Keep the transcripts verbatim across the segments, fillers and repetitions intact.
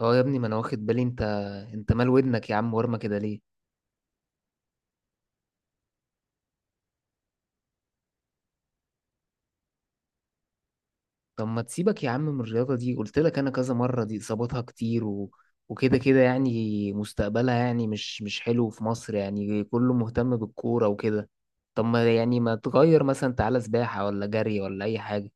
اه يا ابني، ما انا واخد بالي. انت انت مال ودنك يا عم ورمه كده ليه؟ طب ما تسيبك يا عم من الرياضه دي، قلت لك انا كذا مره دي اصاباتها كتير و... وكده كده، يعني مستقبلها يعني مش مش حلو في مصر، يعني كله مهتم بالكوره وكده. طب ما يعني، ما تغير مثلا، تعالى سباحه ولا جري ولا اي حاجه؟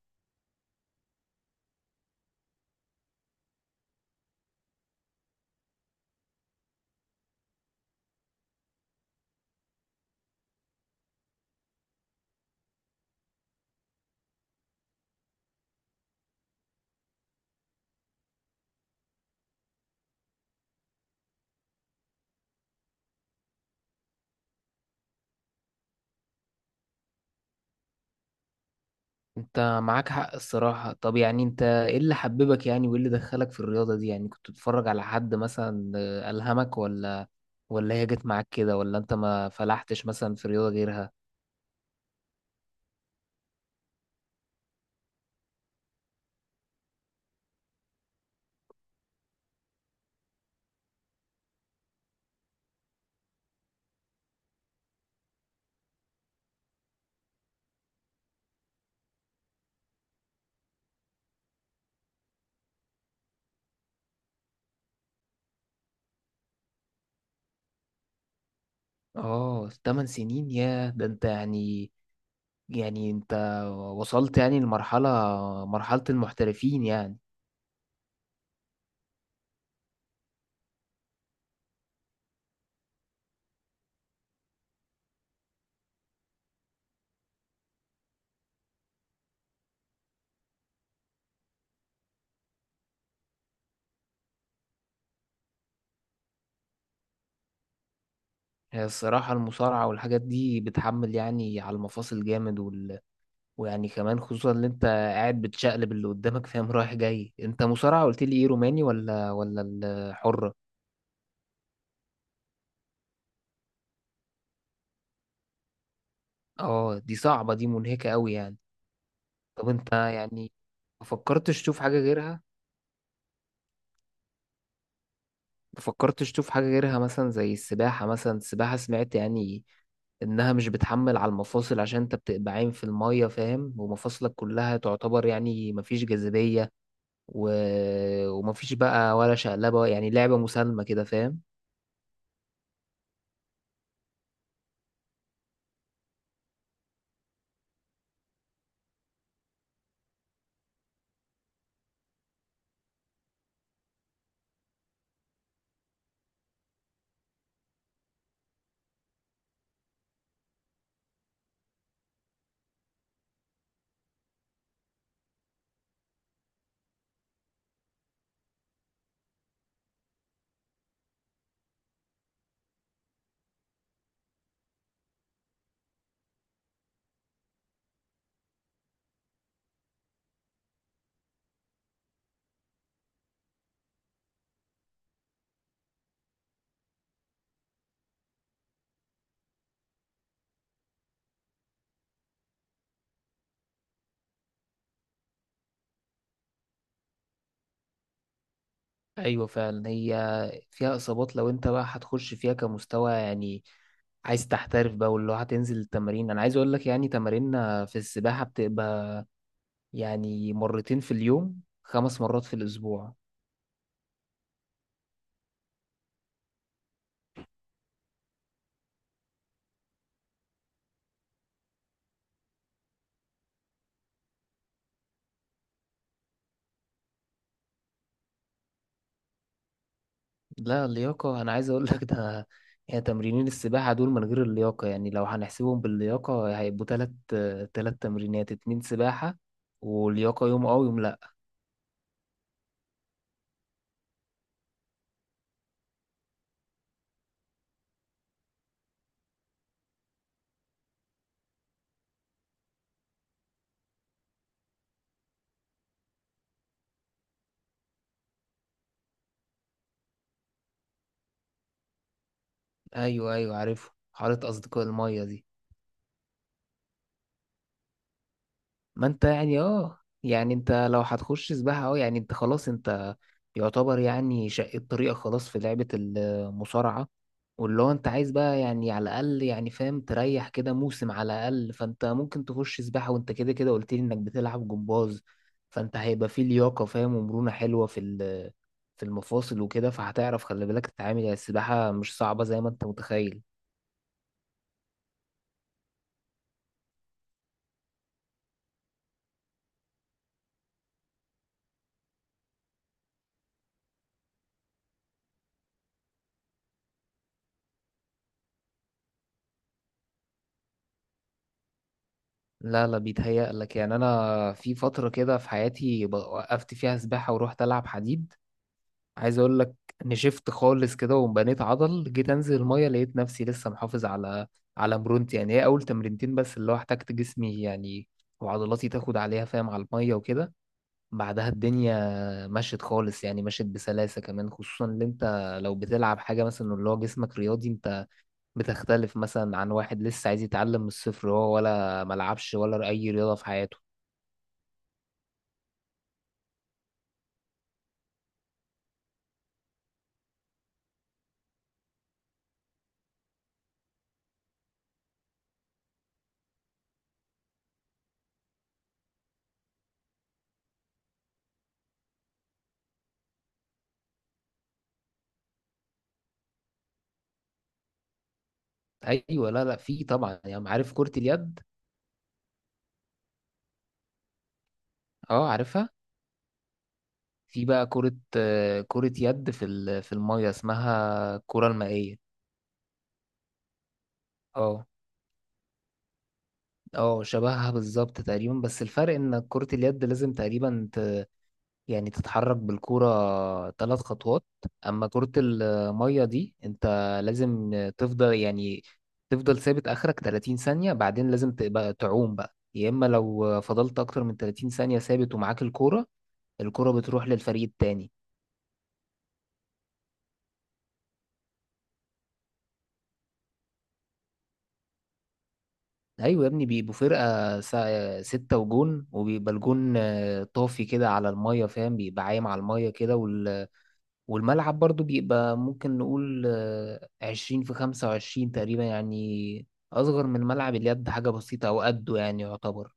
انت معاك حق الصراحه. طب يعني انت ايه اللي حببك يعني، وايه اللي دخلك في الرياضه دي؟ يعني كنت بتتفرج على حد مثلا آه، الهمك، ولا ولا هي جت معاك كده، ولا انت ما فلحتش مثلا في رياضه غيرها؟ اه، تمن سنين، يا ده انت يعني. يعني انت وصلت يعني لمرحلة مرحلة المحترفين يعني. هي الصراحة المصارعة والحاجات دي بتحمل يعني على المفاصل جامد، وال... ويعني كمان خصوصا اللي انت قاعد بتشقلب اللي قدامك، فاهم، رايح جاي. انت مصارعة، قلت لي ايه، روماني ولا ولا الحرة؟ اه، دي صعبة، دي منهكة قوي يعني. طب انت يعني، ما فكرتش تشوف حاجة غيرها؟ مفكرتش تشوف حاجة غيرها، مثلا زي السباحة؟ مثلا السباحة سمعت يعني إنها مش بتحمل على المفاصل، عشان أنت بتبقى عايم في المية، فاهم، ومفاصلك كلها تعتبر يعني مفيش جاذبية و... ومفيش بقى ولا شقلبة، يعني لعبة مسالمة كده، فاهم. أيوة فعلا، هي فيها إصابات. لو أنت بقى هتخش فيها كمستوى يعني، عايز تحترف بقى، واللي هو هتنزل التمارين، أنا عايز أقول لك يعني تماريننا في السباحة بتبقى يعني مرتين في اليوم، خمس مرات في الأسبوع. لا، اللياقة أنا عايز أقول لك ده، يعني تمرينين السباحة دول من غير اللياقة. يعني لو هنحسبهم باللياقة هيبقوا تلت تلت تمرينات، اتنين سباحة ولياقة، يوم أه ويوم لأ. أيوه أيوه، عارفه، حارة أصدقاء المية دي. ما انت يعني، اه يعني انت لو هتخش سباحة، اه يعني انت خلاص، انت يعتبر يعني شقيت طريقك خلاص في لعبة المصارعة، واللي هو انت عايز بقى يعني على الأقل، يعني فاهم، تريح كده موسم على الأقل. فانت ممكن تخش سباحة، وانت كده كده قلت لي انك بتلعب جمباز، فانت هيبقى فيه لياقة، فاهم، ومرونة حلوة في ال- في المفاصل وكده، فهتعرف. خلي بالك تتعامل، يعني السباحة مش صعبة زي ما انت متخيل. لا لا، بيتهيأ لك. يعني انا في فتره كده في حياتي ب- وقفت فيها سباحه ورحت العب حديد، عايز اقول لك. نشفت خالص كده وبنيت عضل. جيت انزل الميه لقيت نفسي لسه محافظ على على مرونتي. يعني هي اول تمرينتين بس اللي هو احتجت جسمي يعني وعضلاتي تاخد عليها، فاهم، على الميه وكده. بعدها الدنيا مشت خالص، يعني مشت بسلاسه كمان، خصوصا ان انت لو بتلعب حاجه مثلا اللي هو جسمك رياضي، انت بتختلف مثلا عن واحد لسه عايز يتعلم من الصفر، هو ولا ملعبش ولا اي رياضه في حياته. ايوه. لا لا، في طبعا، يعني عارف كرة اليد. اه عارفها. في بقى كرة آه، كرة يد في ال- في المية، اسمها الكرة المائية. اه اه، شبهها بالظبط تقريبا، بس الفرق ان كرة اليد لازم تقريبا، ت... يعني تتحرك بالكرة ثلاث خطوات. اما كرة المية دي انت لازم تفضل، يعني تفضل ثابت اخرك ثلاثين ثانية، بعدين لازم تبقى تعوم بقى، يا اما لو فضلت اكتر من ثلاثين ثانية ثابت ومعاك الكرة، الكرة بتروح للفريق التاني. ايوه يا ابني، بيبقوا فرقه سا- سته وجون، وبيبقى الجون آه، طافي كده على الميه، فاهم، بيبقى عايم على الميه كده، وال... والملعب برضو بيبقى ممكن نقول آه، عشرين في خمسة وعشرين تقريبا يعني، اصغر من ملعب اليد حاجه بسيطه، او قده يعني يعتبر.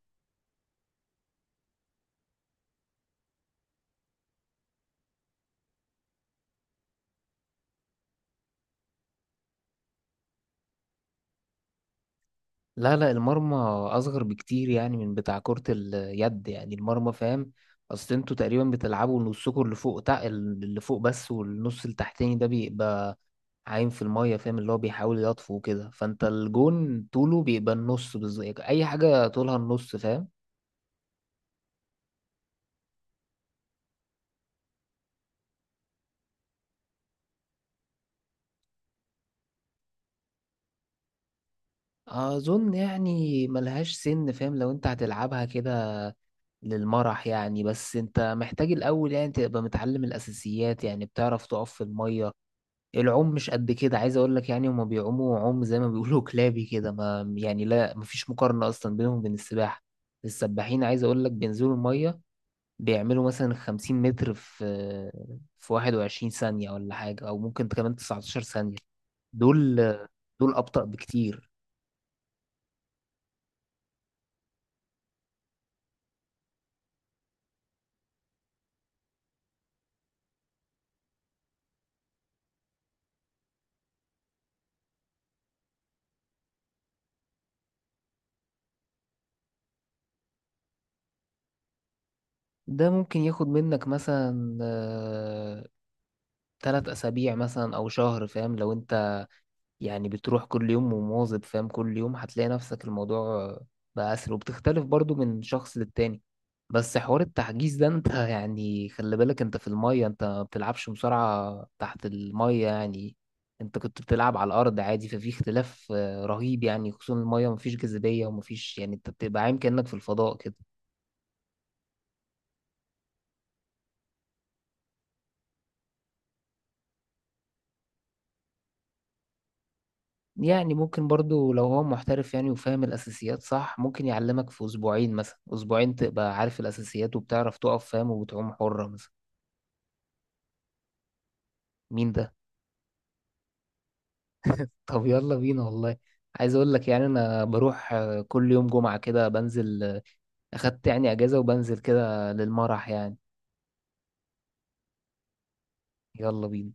لا لا، المرمى اصغر بكتير، يعني من بتاع كره اليد، يعني المرمى فاهم. اصل انتوا تقريبا بتلعبوا نصكم اللي فوق تق... اللي فوق بس، والنص التحتاني ده بيبقى عايم في المية، فاهم، اللي هو بيحاول يطفو وكده. فانت الجون طوله بيبقى النص بالظبط، اي حاجة طولها النص فاهم. اظن يعني ملهاش سن، فاهم، لو انت هتلعبها كده للمرح يعني، بس انت محتاج الاول يعني تبقى متعلم الاساسيات، يعني بتعرف تقف في المية. العوم مش قد كده، عايز اقول لك، يعني هما بيعوموا عوم زي ما بيقولوا كلابي كده، ما يعني لا، مفيش مقارنة اصلا بينهم وبين السباحة. السباحين عايز اقول لك بينزلوا المية بيعملوا مثلا خمسين متر في في واحد وعشرين ثانية ولا حاجة، أو ممكن كمان تسعة عشر ثانية. دول دول أبطأ بكتير. ده ممكن ياخد منك مثلا آه، تلات أسابيع مثلا أو شهر، فاهم، لو أنت يعني بتروح كل يوم ومواظب، فاهم، كل يوم هتلاقي نفسك الموضوع بقى أسهل، وبتختلف برضو من شخص للتاني. بس حوار التحجيز ده انت يعني خلي بالك، انت في المية، انت ما بتلعبش مصارعة تحت المية يعني، انت كنت بتلعب على الأرض عادي، ففي اختلاف آه، رهيب يعني، خصوصا المية مفيش جاذبية ومفيش، يعني انت بتبقى عايم كأنك في الفضاء كده. يعني ممكن برضو لو هو محترف يعني، وفاهم الأساسيات صح، ممكن يعلمك في أسبوعين، مثلا أسبوعين تبقى عارف الأساسيات، وبتعرف تقف فاهم، وبتعوم حرة مثلا. مين ده؟ طب يلا بينا والله. عايز اقول لك يعني انا بروح آه، كل يوم جمعة كده، بنزل، آه، اخدت يعني اجازة، وبنزل كده للمرح يعني. يلا بينا.